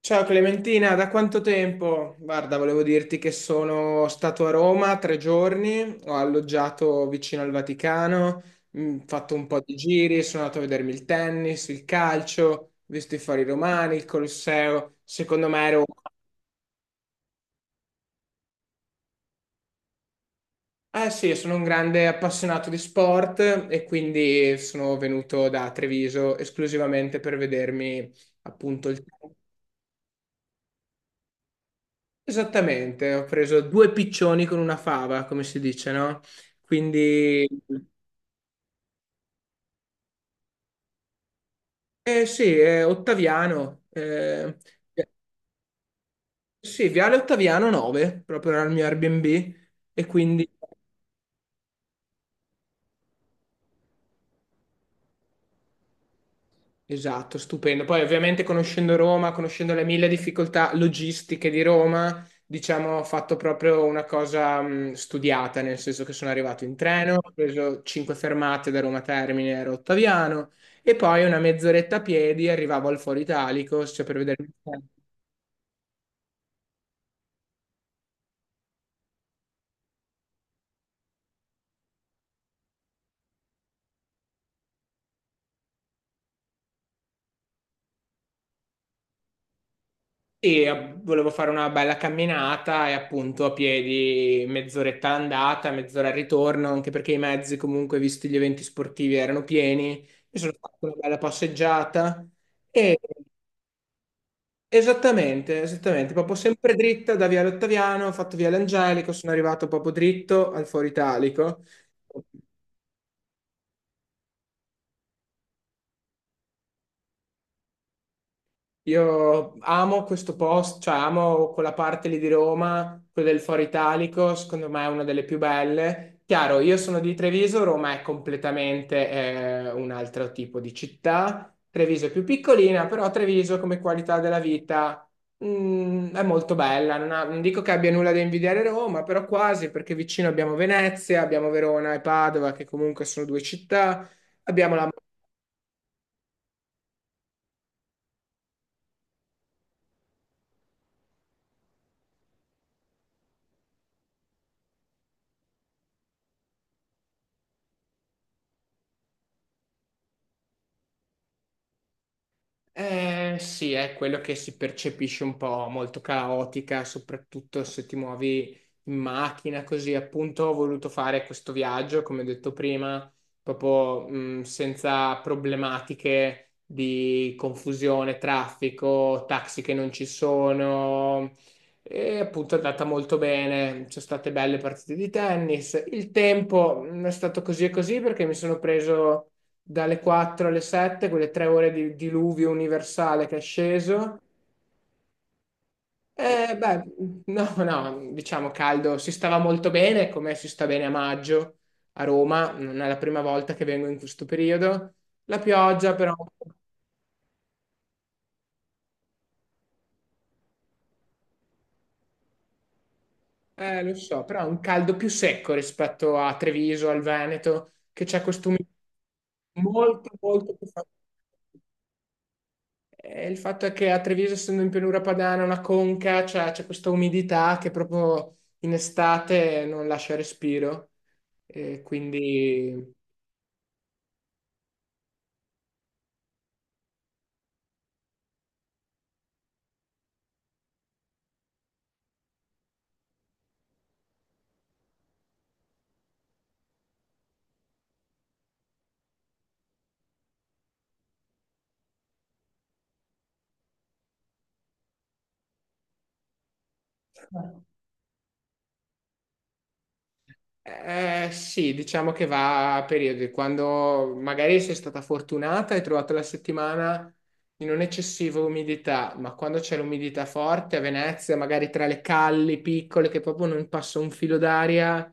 Ciao Clementina, da quanto tempo? Guarda, volevo dirti che sono stato a Roma 3 giorni, ho alloggiato vicino al Vaticano, fatto un po' di giri, sono andato a vedermi il tennis, il calcio, ho visto i Fari Romani, il Colosseo. Secondo me ero... Eh sì, sono un grande appassionato di sport e quindi sono venuto da Treviso esclusivamente per vedermi appunto il tennis. Esattamente, ho preso due piccioni con una fava, come si dice, no? Quindi, sì, è Ottaviano, sì, Viale Ottaviano 9, proprio era il mio Airbnb, e quindi esatto, stupendo. Poi ovviamente conoscendo Roma, conoscendo le mille difficoltà logistiche di Roma, diciamo, ho fatto proprio una cosa studiata, nel senso che sono arrivato in treno, ho preso cinque fermate da Roma Termine, ero Ottaviano, e poi una mezz'oretta a piedi arrivavo al Foro Italico, cioè per vedere... Sì, volevo fare una bella camminata e appunto a piedi mezz'oretta andata, mezz'ora al ritorno, anche perché i mezzi comunque, visti gli eventi sportivi, erano pieni. Mi sono fatto una bella passeggiata e esattamente, proprio sempre dritta da Viale Ottaviano, ho fatto Viale Angelico, sono arrivato proprio dritto al Foro Italico. Io amo questo posto, cioè amo quella parte lì di Roma, quella del Foro Italico, secondo me è una delle più belle. Chiaro, io sono di Treviso, Roma è completamente un altro tipo di città. Treviso è più piccolina, però Treviso come qualità della vita è molto bella. Non dico che abbia nulla da invidiare Roma, però quasi, perché vicino abbiamo Venezia, abbiamo Verona e Padova, che comunque sono due città. Abbiamo la eh, sì, è quello che si percepisce un po' molto caotica, soprattutto se ti muovi in macchina, così appunto ho voluto fare questo viaggio, come ho detto prima, proprio senza problematiche di confusione, traffico, taxi che non ci sono e appunto è andata molto bene, ci sono state belle partite di tennis, il tempo è stato così e così perché mi sono preso dalle 4 alle 7, quelle 3 ore di diluvio universale che è sceso. E beh, no, no, diciamo caldo, si stava molto bene, come si sta bene a maggio a Roma, non è la prima volta che vengo in questo periodo. La pioggia però, lo so, però è un caldo più secco rispetto a Treviso, al Veneto, che c'è questo umidità molto più forte. Il fatto è che a Treviso, essendo in pianura padana, una conca, cioè, c'è questa umidità che proprio in estate non lascia respiro. E quindi sì, diciamo che va a periodi. Quando magari sei stata fortunata e hai trovato la settimana di non eccessiva umidità, ma quando c'è l'umidità forte a Venezia, magari tra le calli piccole che proprio non passa un filo d'aria,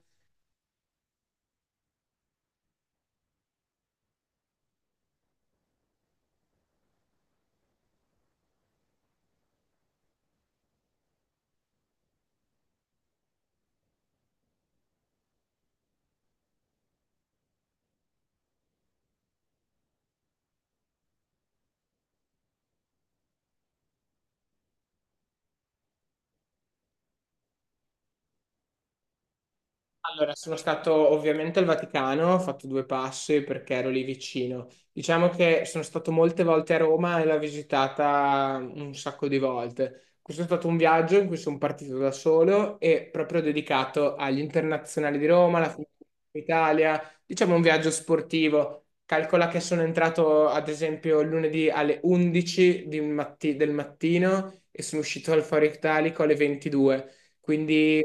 allora, sono stato ovviamente al Vaticano, ho fatto due passi perché ero lì vicino. Diciamo che sono stato molte volte a Roma e l'ho visitata un sacco di volte. Questo è stato un viaggio in cui sono partito da solo e proprio dedicato agli internazionali di Roma, alla Fiorentina d'Italia, diciamo un viaggio sportivo. Calcola che sono entrato ad esempio lunedì alle 11 di del mattino e sono uscito al Foro Italico alle 22. Quindi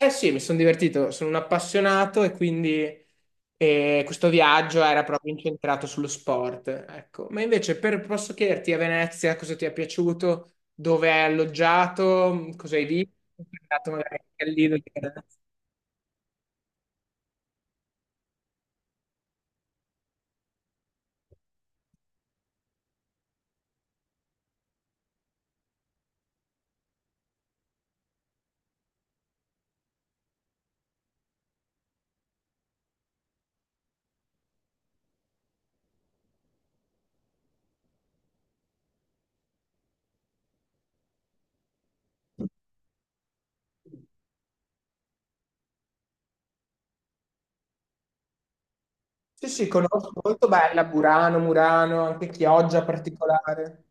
eh sì, mi sono divertito, sono un appassionato e quindi questo viaggio era proprio incentrato sullo sport, ecco. Ma invece posso chiederti a Venezia cosa ti è piaciuto, dove hai alloggiato, cosa hai visto, sei andato magari anche all'Isola di Venezia? Sì, sì, conosco, molto bella, Burano, Murano, anche Chioggia particolare.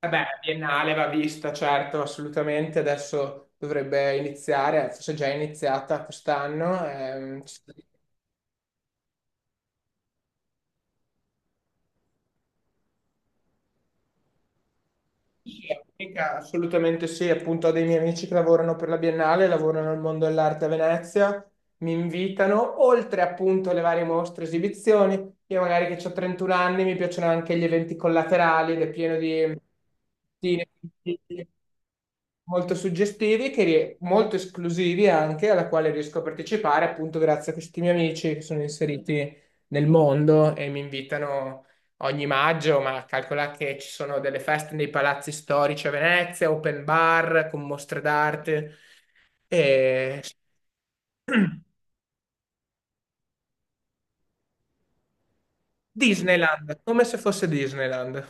Vabbè, Biennale va vista, certo, assolutamente. Adesso dovrebbe iniziare, forse è già iniziata quest'anno. Sì, assolutamente sì, appunto ho dei miei amici che lavorano per la Biennale, lavorano nel mondo dell'arte a Venezia, mi invitano, oltre appunto alle varie mostre, e esibizioni. Io magari che ho 31 anni mi piacciono anche gli eventi collaterali ed è pieno di... di- molto suggestivi, che molto esclusivi anche, alla quale riesco a partecipare appunto grazie a questi miei amici che sono inseriti nel mondo e mi invitano ogni maggio, ma calcola che ci sono delle feste nei palazzi storici a Venezia, open bar con mostre d'arte e Disneyland, come se fosse Disneyland.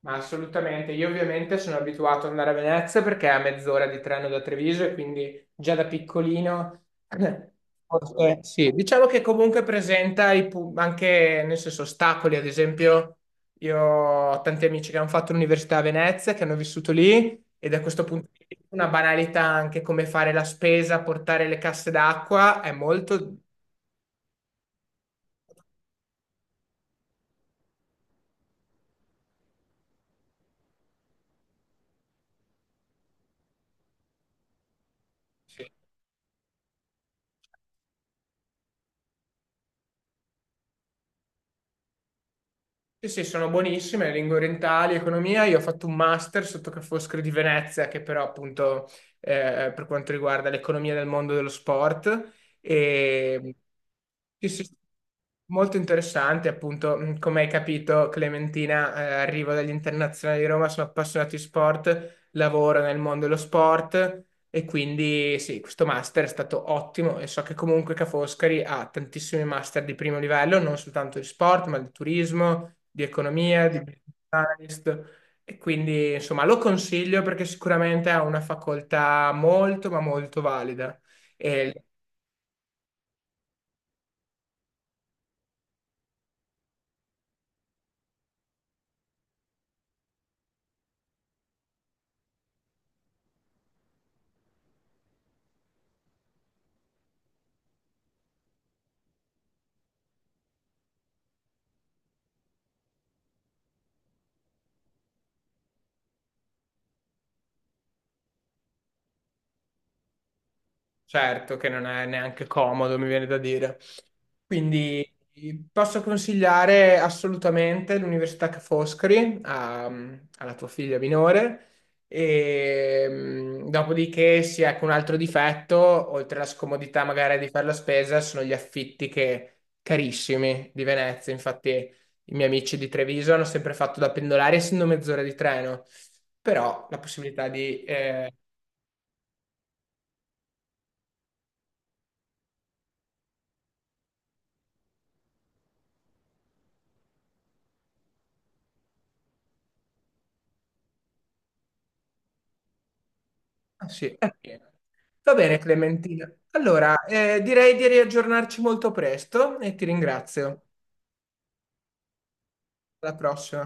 Ma assolutamente, io ovviamente sono abituato ad andare a Venezia perché è a mezz'ora di treno da Treviso e quindi già da piccolino, forse sì, diciamo che comunque presenta i anche, nel senso, ostacoli, ad esempio io ho tanti amici che hanno fatto l'università a Venezia, che hanno vissuto lì e da questo punto di vista una banalità anche come fare la spesa, portare le casse d'acqua è molto... Sì. Sì, sì, sono buonissime, le lingue orientali, economia. Io ho fatto un master sotto Ca' Foscari di Venezia, che però appunto per quanto riguarda l'economia del mondo dello sport. E sì, sì, molto interessante, appunto, come hai capito, Clementina, arrivo dagli internazionali di Roma, sono appassionato di sport, lavoro nel mondo dello sport e quindi sì, questo master è stato ottimo e so che comunque Ca' Foscari ha tantissimi master di primo livello, non soltanto di sport, ma di turismo di economia, di business analyst e quindi insomma lo consiglio perché sicuramente ha una facoltà molto, ma molto valida e certo che non è neanche comodo, mi viene da dire. Quindi posso consigliare assolutamente l'Università Ca' Foscari alla tua figlia minore. E, dopodiché sì, ecco un altro difetto, oltre alla scomodità magari di fare la spesa, sono gli affitti che, carissimi di Venezia. Infatti i miei amici di Treviso hanno sempre fatto da pendolari, essendo mezz'ora di treno, però la possibilità di ah, sì, è pieno. Va bene, Clementina. Allora, direi di riaggiornarci molto presto e ti ringrazio. Alla prossima.